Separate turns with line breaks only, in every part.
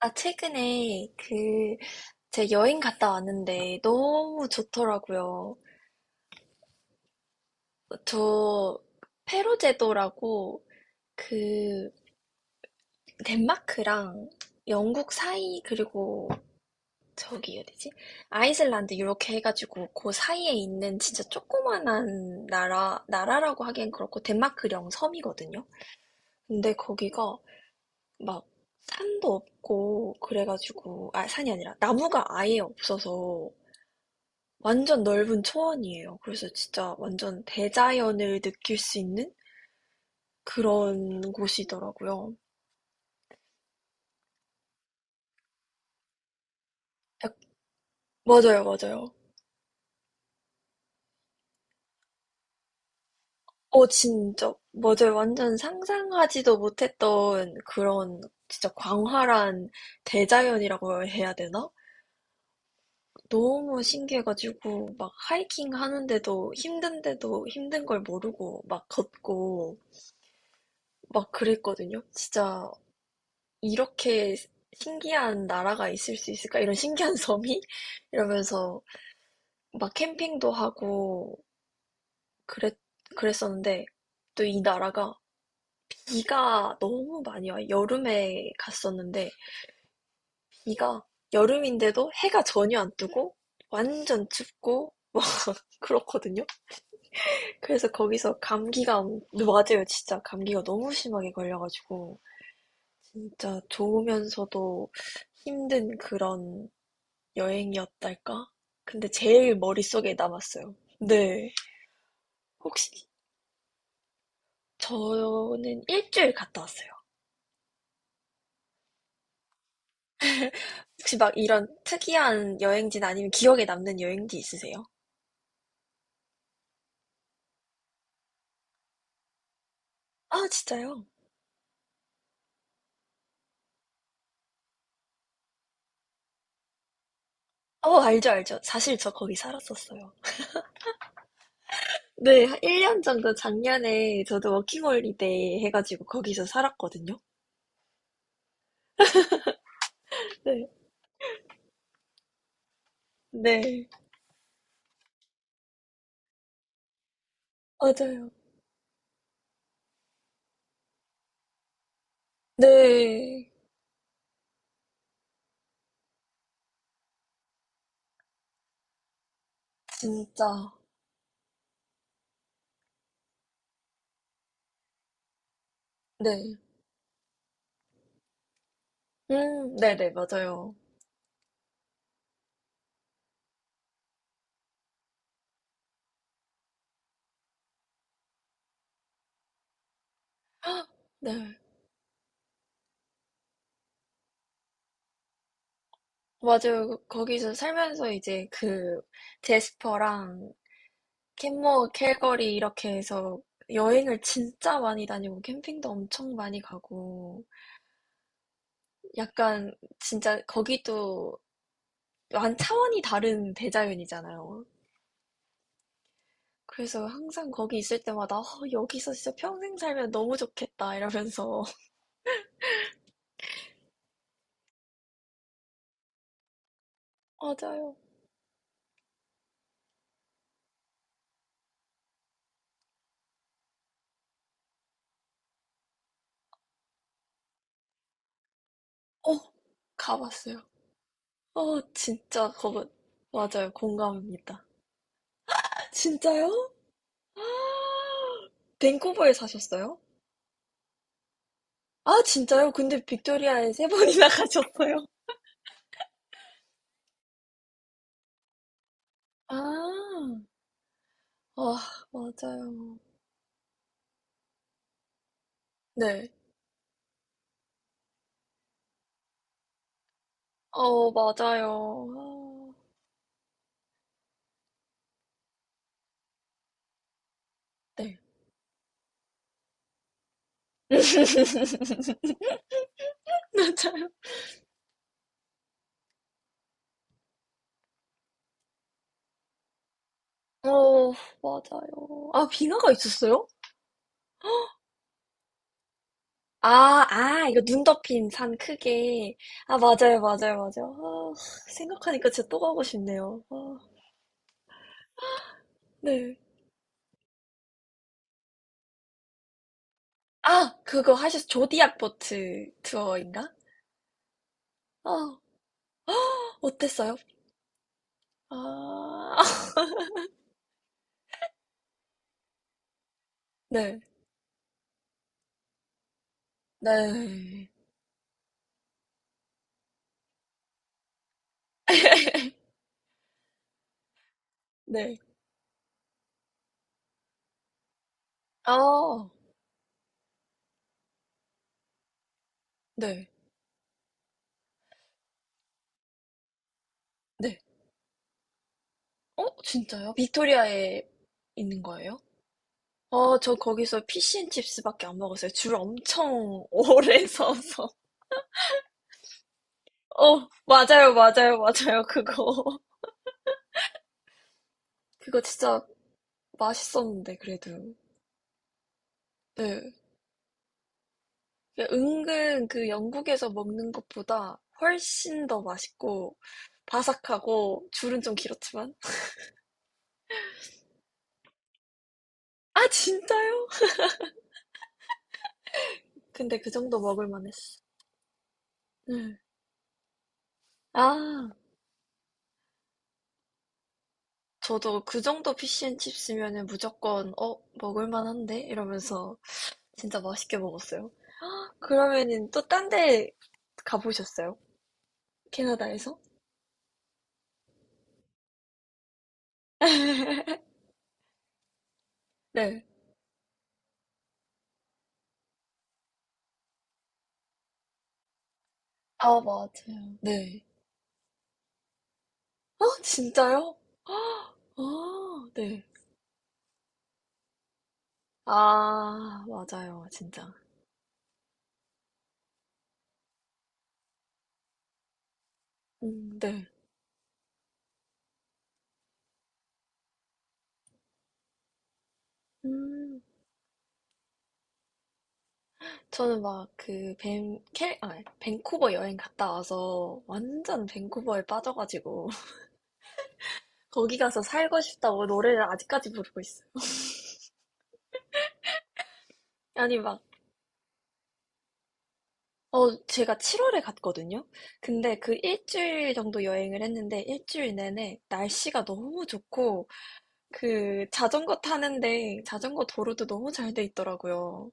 아, 최근에 그, 제 여행 갔다 왔는데 너무 좋더라고요. 저, 페로 제도라고 그, 덴마크랑 영국 사이, 그리고 저기 어디지? 아이슬란드 이렇게 해가지고 그 사이에 있는 진짜 조그만한 나라, 나라라고 하기엔 그렇고 덴마크령 섬이거든요. 근데 거기가 막 산도 없고 그래가지고, 아, 산이 아니라 나무가 아예 없어서 완전 넓은 초원이에요. 그래서 진짜 완전 대자연을 느낄 수 있는 그런 곳이더라고요. 약- 맞아요, 맞아요. 어, 진짜. 맞아요. 완전 상상하지도 못했던 그런 진짜 광활한 대자연이라고 해야 되나? 너무 신기해가지고 막 하이킹 하는데도 힘든데도 힘든 걸 모르고 막 걷고 막 그랬거든요. 진짜 이렇게 신기한 나라가 있을 수 있을까? 이런 신기한 섬이? 이러면서 막 캠핑도 하고 그랬, 그랬었는데 또 이 나라가 비가 너무 많이 와요. 여름에 갔었는데 비가 여름인데도 해가 전혀 안 뜨고 완전 춥고 그렇거든요. 그래서 거기서 감기가 맞아요. 진짜 감기가 너무 심하게 걸려가지고 진짜 좋으면서도 힘든 그런 여행이었달까? 근데 제일 머릿속에 남았어요. 네. 혹시 저는 일주일 갔다 왔어요. 혹시 막 이런 특이한 여행지나 아니면 기억에 남는 여행지 있으세요? 아, 진짜요? 어, 알죠, 알죠. 사실 저 거기 살았었어요. 네, 한 1년 정도 작년에 저도 워킹홀리데이 해가지고 거기서 살았거든요. 네, 네, 맞아요. 네, 진짜. 네. 네네, 맞아요. 헉, 네. 맞아요. 그, 거기서 살면서 이제 그 제스퍼랑 캔모어, 캘거리 이렇게 해서 여행을 진짜 많이 다니고 캠핑도 엄청 많이 가고 약간 진짜 거기도 완 차원이 다른 대자연이잖아요. 그래서 항상 거기 있을 때마다 어, 여기서 진짜 평생 살면 너무 좋겠다 이러면서 맞아요. 어, 가봤어요. 어, 진짜 거기 맞아요. 공감합니다. 진짜요? 밴쿠버에 사셨어요? 아, 진짜요? 근데 빅토리아에 3번 번이나 가셨어요? 아, 아, 맞아요. 네. 어, 맞아요. 아, 네. 맞아요. 어, 맞아요. 아, 빙하가 있었어요? 아, 아, 이거 눈 덮인 산 크게. 아, 맞아요, 맞아요, 맞아요. 아, 생각하니까 진짜 또 가고 싶네요. 아, 네. 아, 그거 조디악 보트 투어인가? 아, 어땠어요? 아. 네. 네. 네. 아. 네. 네. 어? 진짜요? 빅토리아에 있는 거예요? 어, 저 거기서 피시앤칩스밖에 안 먹었어요. 줄 엄청 오래 서서. 어, 맞아요, 맞아요, 맞아요. 그거. 그거 진짜 맛있었는데, 그래도. 네. 그 은근 그 영국에서 먹는 것보다 훨씬 더 맛있고, 바삭하고, 줄은 좀 길었지만. 아, 진짜요? 근데 그 정도 먹을 만했어. 네. 아, 저도 그 정도 피시앤칩스면은 무조건 어, 먹을 만한데? 이러면서 진짜 맛있게 먹었어요. 그러면은 또 딴데 가보셨어요? 캐나다에서? 네, 아, 맞아요. 네. 어, 진짜요? 아, 네. 아, 맞아요, 진짜. 네. 음, 저는 막 그 밴쿠버 여행 갔다 와서 완전 밴쿠버에 빠져가지고 거기 가서 살고 싶다고 노래를 아직까지 부르고 있어요. 아니 막, 어, 제가 7월에 갔거든요? 근데 그 일주일 정도 여행을 했는데 일주일 내내 날씨가 너무 좋고 그 자전거 타는데 자전거 도로도 너무 잘 돼 있더라고요.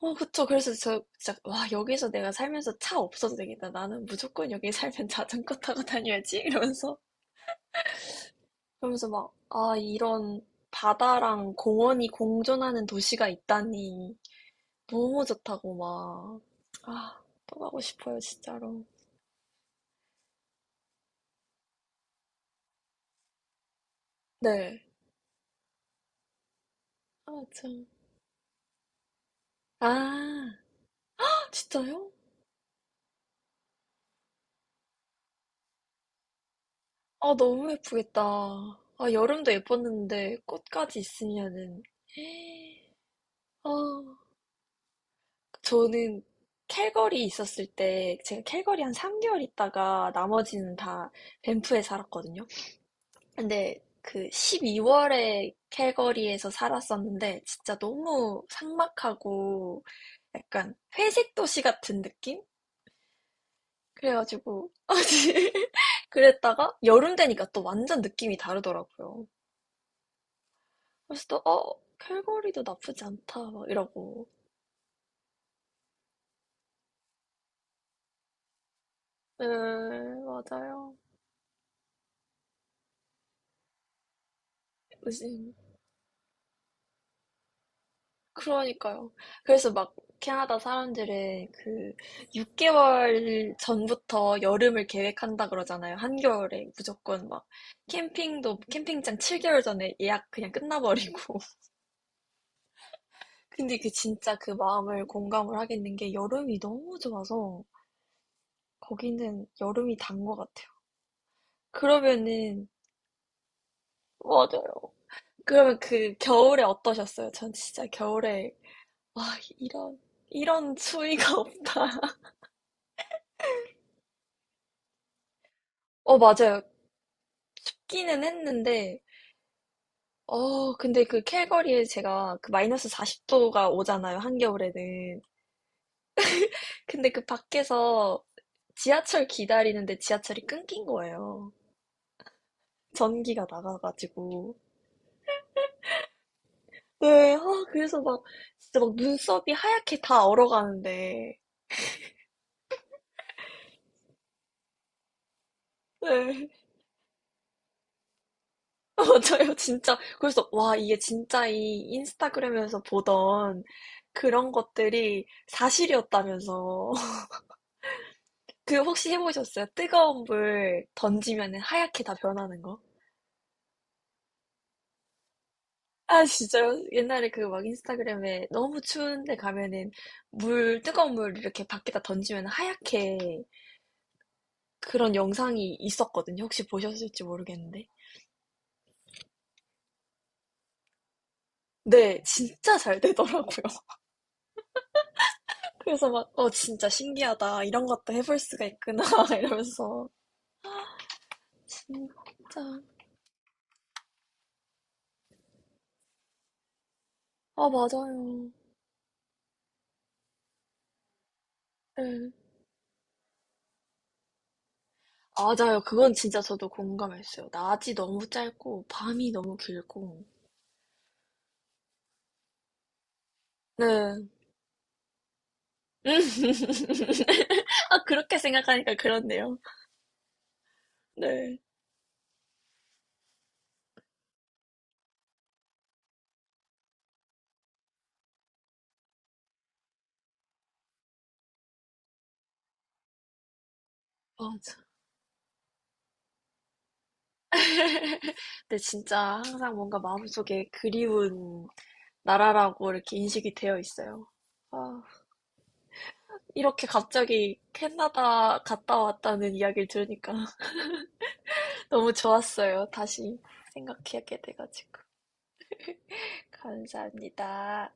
어, 그쵸. 그래서 저 진짜, 와, 여기서 내가 살면서 차 없어도 되겠다. 나는 무조건 여기 살면 자전거 타고 다녀야지. 이러면서. 그러면서 막, 아, 이런 바다랑 공원이 공존하는 도시가 있다니. 너무 좋다고 막. 아, 또 가고 싶어요, 진짜로. 네. 아, 참. 아, 진짜요? 아, 너무 예쁘겠다. 아, 여름도 예뻤는데 꽃까지 있으면은. 아, 저는 캘거리 있었을 때, 제가 캘거리 한 3개월 있다가 나머지는 다 밴프에 살았거든요. 근데 그 12월에 캘거리에서 살았었는데, 진짜 너무 삭막하고, 약간 회색 도시 같은 느낌? 그래가지고 그랬다가 여름 되니까 또 완전 느낌이 다르더라고요. 그래서 또 어, 캘거리도 나쁘지 않다 막 이러고. 네, 맞아요. 그러니까요. 그래서 막 캐나다 사람들은 그 6개월 전부터 여름을 계획한다 그러잖아요. 한겨울에 무조건 막 캠핑도 캠핑장 7개월 전에 예약 그냥 끝나버리고 근데 그 진짜 그 마음을 공감을 하겠는 게 여름이 너무 좋아서 거기는 여름이 단 것 같아요. 그러면은 맞아요. 그러면 그 겨울에 어떠셨어요? 전 진짜 겨울에 와, 이런 이런 추위가 없다. 어, 맞아요. 춥기는 했는데 어, 근데 그 캘거리에 제가 그 마이너스 40도가 오잖아요 한겨울에는. 근데 그 밖에서 지하철 기다리는데 지하철이 끊긴 거예요. 전기가 나가가지고. 네. 아, 그래서 막 진짜 막 눈썹이 하얗게 다 얼어가는데 네. 맞아요. 진짜 그래서 와, 이게 진짜 이 인스타그램에서 보던 그런 것들이 사실이었다면서. 그 혹시 해 보셨어요? 뜨거운 물 던지면은 하얗게 다 변하는 거? 아, 진짜요? 옛날에 그 막 인스타그램에 너무 추운데 가면은 물 뜨거운 물 이렇게 밖에다 던지면 하얗게, 그런 영상이 있었거든요. 혹시 보셨을지 모르겠는데. 네. 진짜 잘 되더라고요. 그래서 막 '어, 진짜 신기하다. 이런 것도 해볼 수가 있구나.' 이러면서 진짜. 아, 맞아요. 예. 맞아요. 그건 진짜 저도 공감했어요. 낮이 너무 짧고 밤이 너무 길고. 네. 아, 그렇게 생각하니까 그렇네요. 네. 맞아. 근데 진짜 항상 뭔가 마음속에 그리운 나라라고 이렇게 인식이 되어 있어요. 아, 이렇게 갑자기 캐나다 갔다 왔다는 이야기를 들으니까 너무 좋았어요. 다시 생각하게 돼가지고. 감사합니다.